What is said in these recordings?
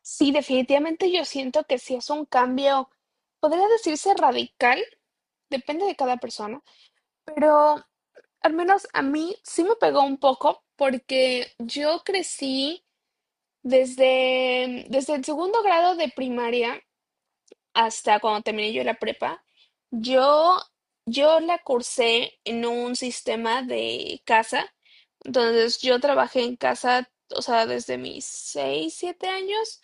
Sí, definitivamente yo siento que sí es un cambio, podría decirse radical, depende de cada persona, pero al menos a mí sí me pegó un poco porque yo crecí desde el segundo grado de primaria hasta cuando terminé yo la prepa. Yo, yo la cursé en un sistema de casa, entonces yo trabajé en casa, o sea, desde mis 6 7 años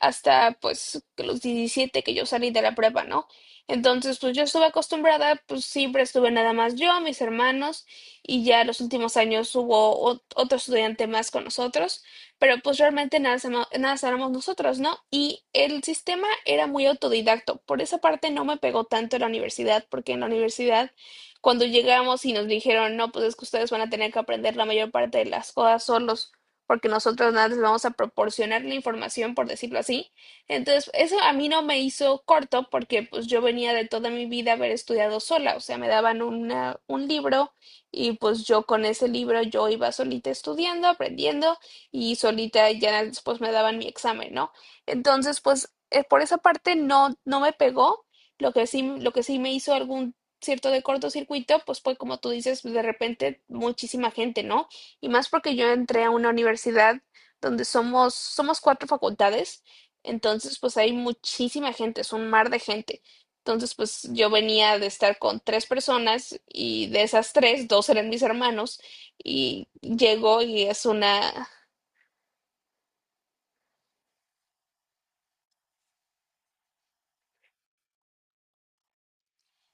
hasta pues que los 17 que yo salí de la prepa, ¿no? Entonces, pues yo estuve acostumbrada, pues siempre estuve nada más yo, mis hermanos, y ya los últimos años hubo otro estudiante más con nosotros, pero pues realmente nada, nada sabemos nosotros, ¿no? Y el sistema era muy autodidacto. Por esa parte no me pegó tanto en la universidad, porque en la universidad cuando llegamos y nos dijeron, no, pues es que ustedes van a tener que aprender la mayor parte de las cosas solos, porque nosotros nada les vamos a proporcionar la información, por decirlo así. Entonces, eso a mí no me hizo corto porque pues yo venía de toda mi vida haber estudiado sola, o sea, me daban una, un libro, y pues yo con ese libro yo iba solita estudiando, aprendiendo, y solita ya después me daban mi examen, ¿no? Entonces, pues por esa parte no, no me pegó. Lo que sí me hizo algún cierto de cortocircuito, pues fue como tú dices, pues, de repente muchísima gente, ¿no? Y más porque yo entré a una universidad donde somos cuatro facultades, entonces pues hay muchísima gente, es un mar de gente. Entonces, pues yo venía de estar con tres personas, y de esas tres, dos eran mis hermanos y llegó y es una,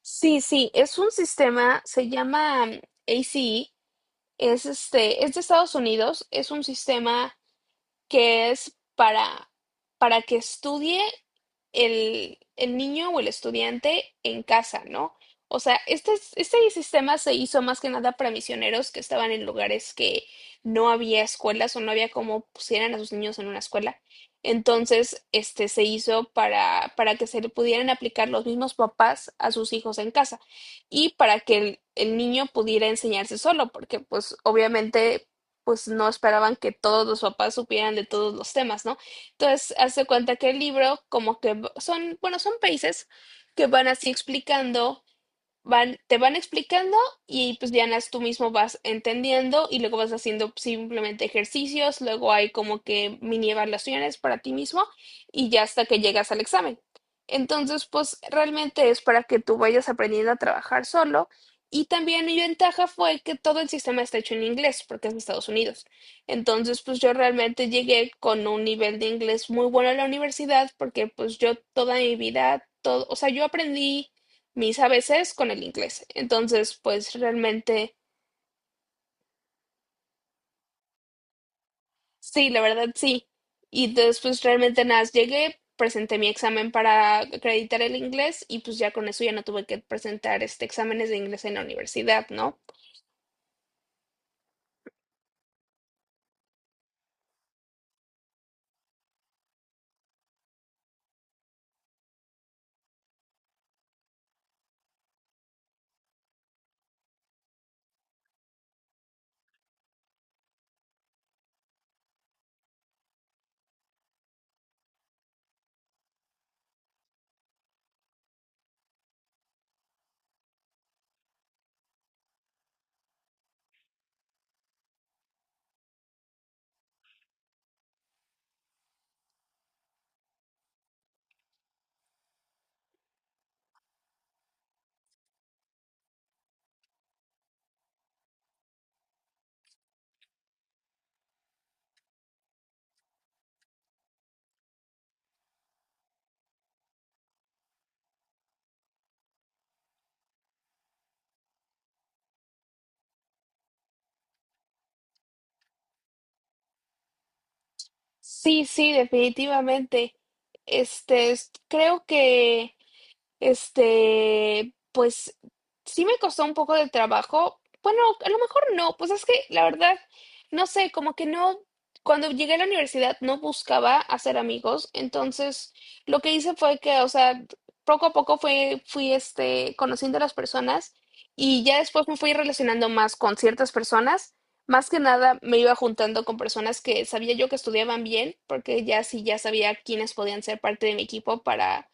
sí, sí, es un sistema, se llama ACE, es este, es de Estados Unidos, es un sistema que es para, que estudie el niño o el estudiante en casa, ¿no? O sea, este, este sistema se hizo más que nada para misioneros que estaban en lugares que no había escuelas o no había cómo pusieran a sus niños en una escuela. Entonces, este se hizo para, que se le pudieran aplicar los mismos papás a sus hijos en casa y para que el niño pudiera enseñarse solo, porque pues obviamente pues no esperaban que todos los papás supieran de todos los temas, ¿no? Entonces, hace cuenta que el libro, como que son, bueno, son países que van así explicando, van, te van explicando, y pues ya tú mismo vas entendiendo y luego vas haciendo simplemente ejercicios, luego hay como que mini evaluaciones para ti mismo y ya hasta que llegas al examen. Entonces, pues realmente es para que tú vayas aprendiendo a trabajar solo. Y también mi ventaja fue que todo el sistema está hecho en inglés, porque es de Estados Unidos. Entonces, pues yo realmente llegué con un nivel de inglés muy bueno a la universidad, porque pues yo toda mi vida, todo, o sea, yo aprendí mis a ABCs con el inglés. Entonces, pues realmente, sí, la verdad sí. Y entonces, pues realmente nada, más llegué, presenté mi examen para acreditar el inglés y pues ya con eso ya no tuve que presentar este exámenes de inglés en la universidad, ¿no? Sí, sí, definitivamente. Este, creo que este, pues sí me costó un poco de trabajo. Bueno, a lo mejor no, pues es que la verdad, no sé, como que no, cuando llegué a la universidad no buscaba hacer amigos, entonces lo que hice fue que, o sea, poco a poco fui, este, conociendo a las personas y ya después me fui relacionando más con ciertas personas. Más que nada me iba juntando con personas que sabía yo que estudiaban bien, porque ya sí, ya sabía quiénes podían ser parte de mi equipo para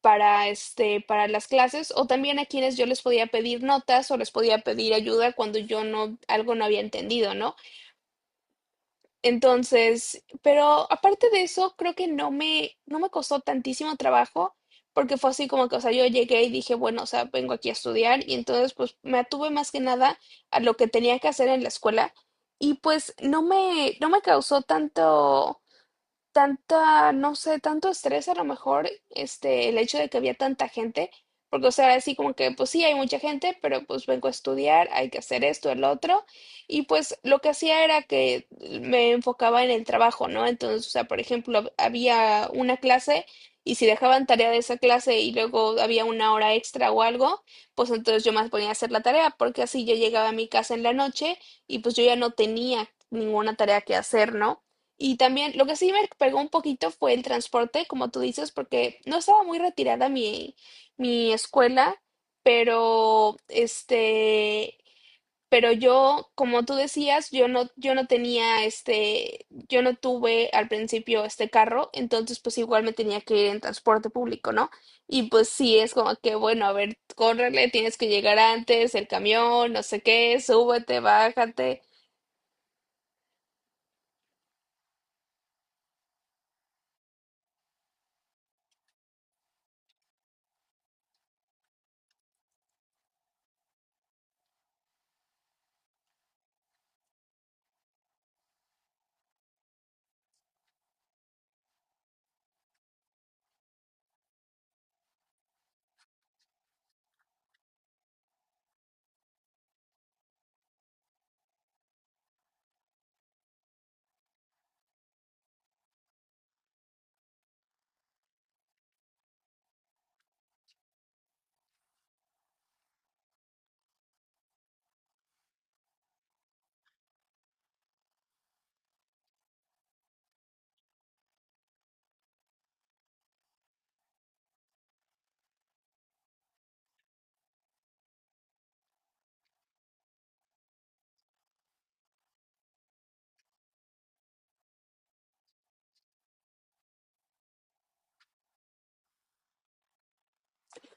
este, para las clases o también a quienes yo les podía pedir notas o les podía pedir ayuda cuando yo no, algo no había entendido, ¿no? Entonces, pero aparte de eso, creo que no me costó tantísimo trabajo porque fue así como que, o sea, yo llegué y dije, bueno, o sea, vengo aquí a estudiar y entonces pues me atuve más que nada a lo que tenía que hacer en la escuela, y pues no me causó tanto tanta, no sé, tanto estrés a lo mejor, este, el hecho de que había tanta gente, porque o sea, así como que, pues sí, hay mucha gente, pero pues vengo a estudiar, hay que hacer esto, el otro, y pues lo que hacía era que me enfocaba en el trabajo, ¿no? Entonces, o sea, por ejemplo, había una clase y si dejaban tarea de esa clase y luego había una hora extra o algo, pues entonces yo más ponía a hacer la tarea, porque así yo llegaba a mi casa en la noche y pues yo ya no tenía ninguna tarea que hacer, ¿no? Y también lo que sí me pegó un poquito fue el transporte, como tú dices, porque no estaba muy retirada mi escuela, pero este, pero yo, como tú decías, yo no tenía este, yo no tuve al principio este carro, entonces pues igual me tenía que ir en transporte público, ¿no? Y pues sí, es como que, bueno, a ver, córrele, tienes que llegar antes, el camión, no sé qué, súbete, bájate.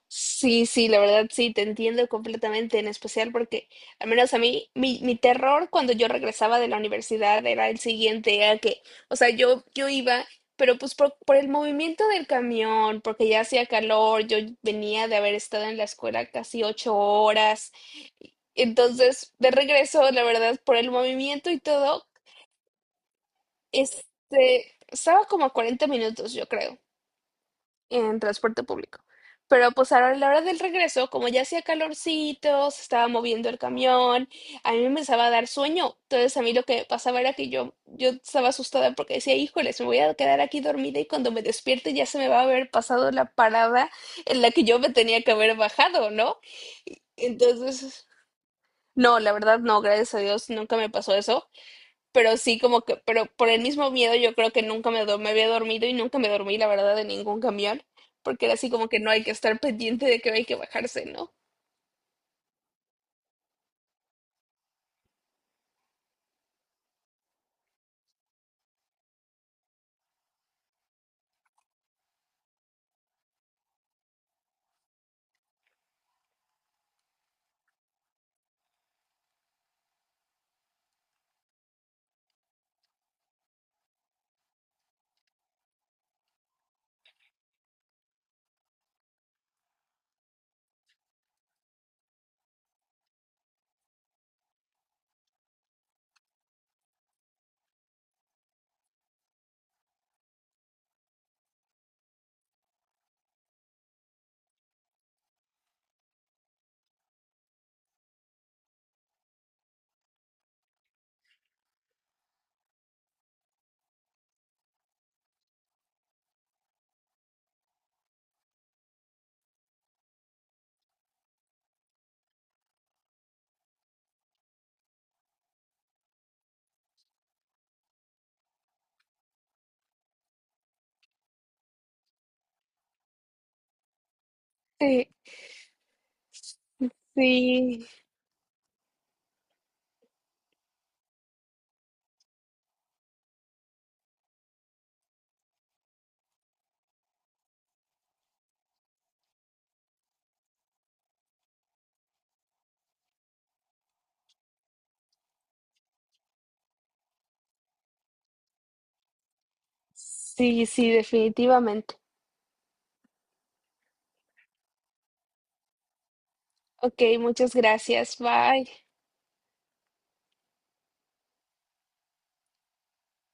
Sí, sí, la verdad sí, te entiendo completamente, en especial porque al menos a mí, mi terror cuando yo regresaba de la universidad era el siguiente, era que, o sea, yo iba, pero pues por el movimiento del camión, porque ya hacía calor, yo venía de haber estado en la escuela casi 8 horas, entonces de regreso, la verdad, por el movimiento y todo, este, estaba como a 40 minutos, yo creo en transporte público. Pero pues ahora a la hora del regreso, como ya hacía calorcito, se estaba moviendo el camión, a mí me empezaba a dar sueño. Entonces a mí lo que pasaba era que yo estaba asustada porque decía, híjoles, me voy a quedar aquí dormida y cuando me despierte ya se me va a haber pasado la parada en la que yo me tenía que haber bajado, ¿no? Entonces, no, la verdad no, gracias a Dios nunca me pasó eso, pero sí como que, pero por el mismo miedo yo creo que nunca me, me había dormido y nunca me dormí, la verdad, de ningún camión, porque era así como que no hay que estar pendiente de que hay que bajarse, ¿no? Sí, sí, sí, sí, definitivamente. Ok, muchas gracias, bye.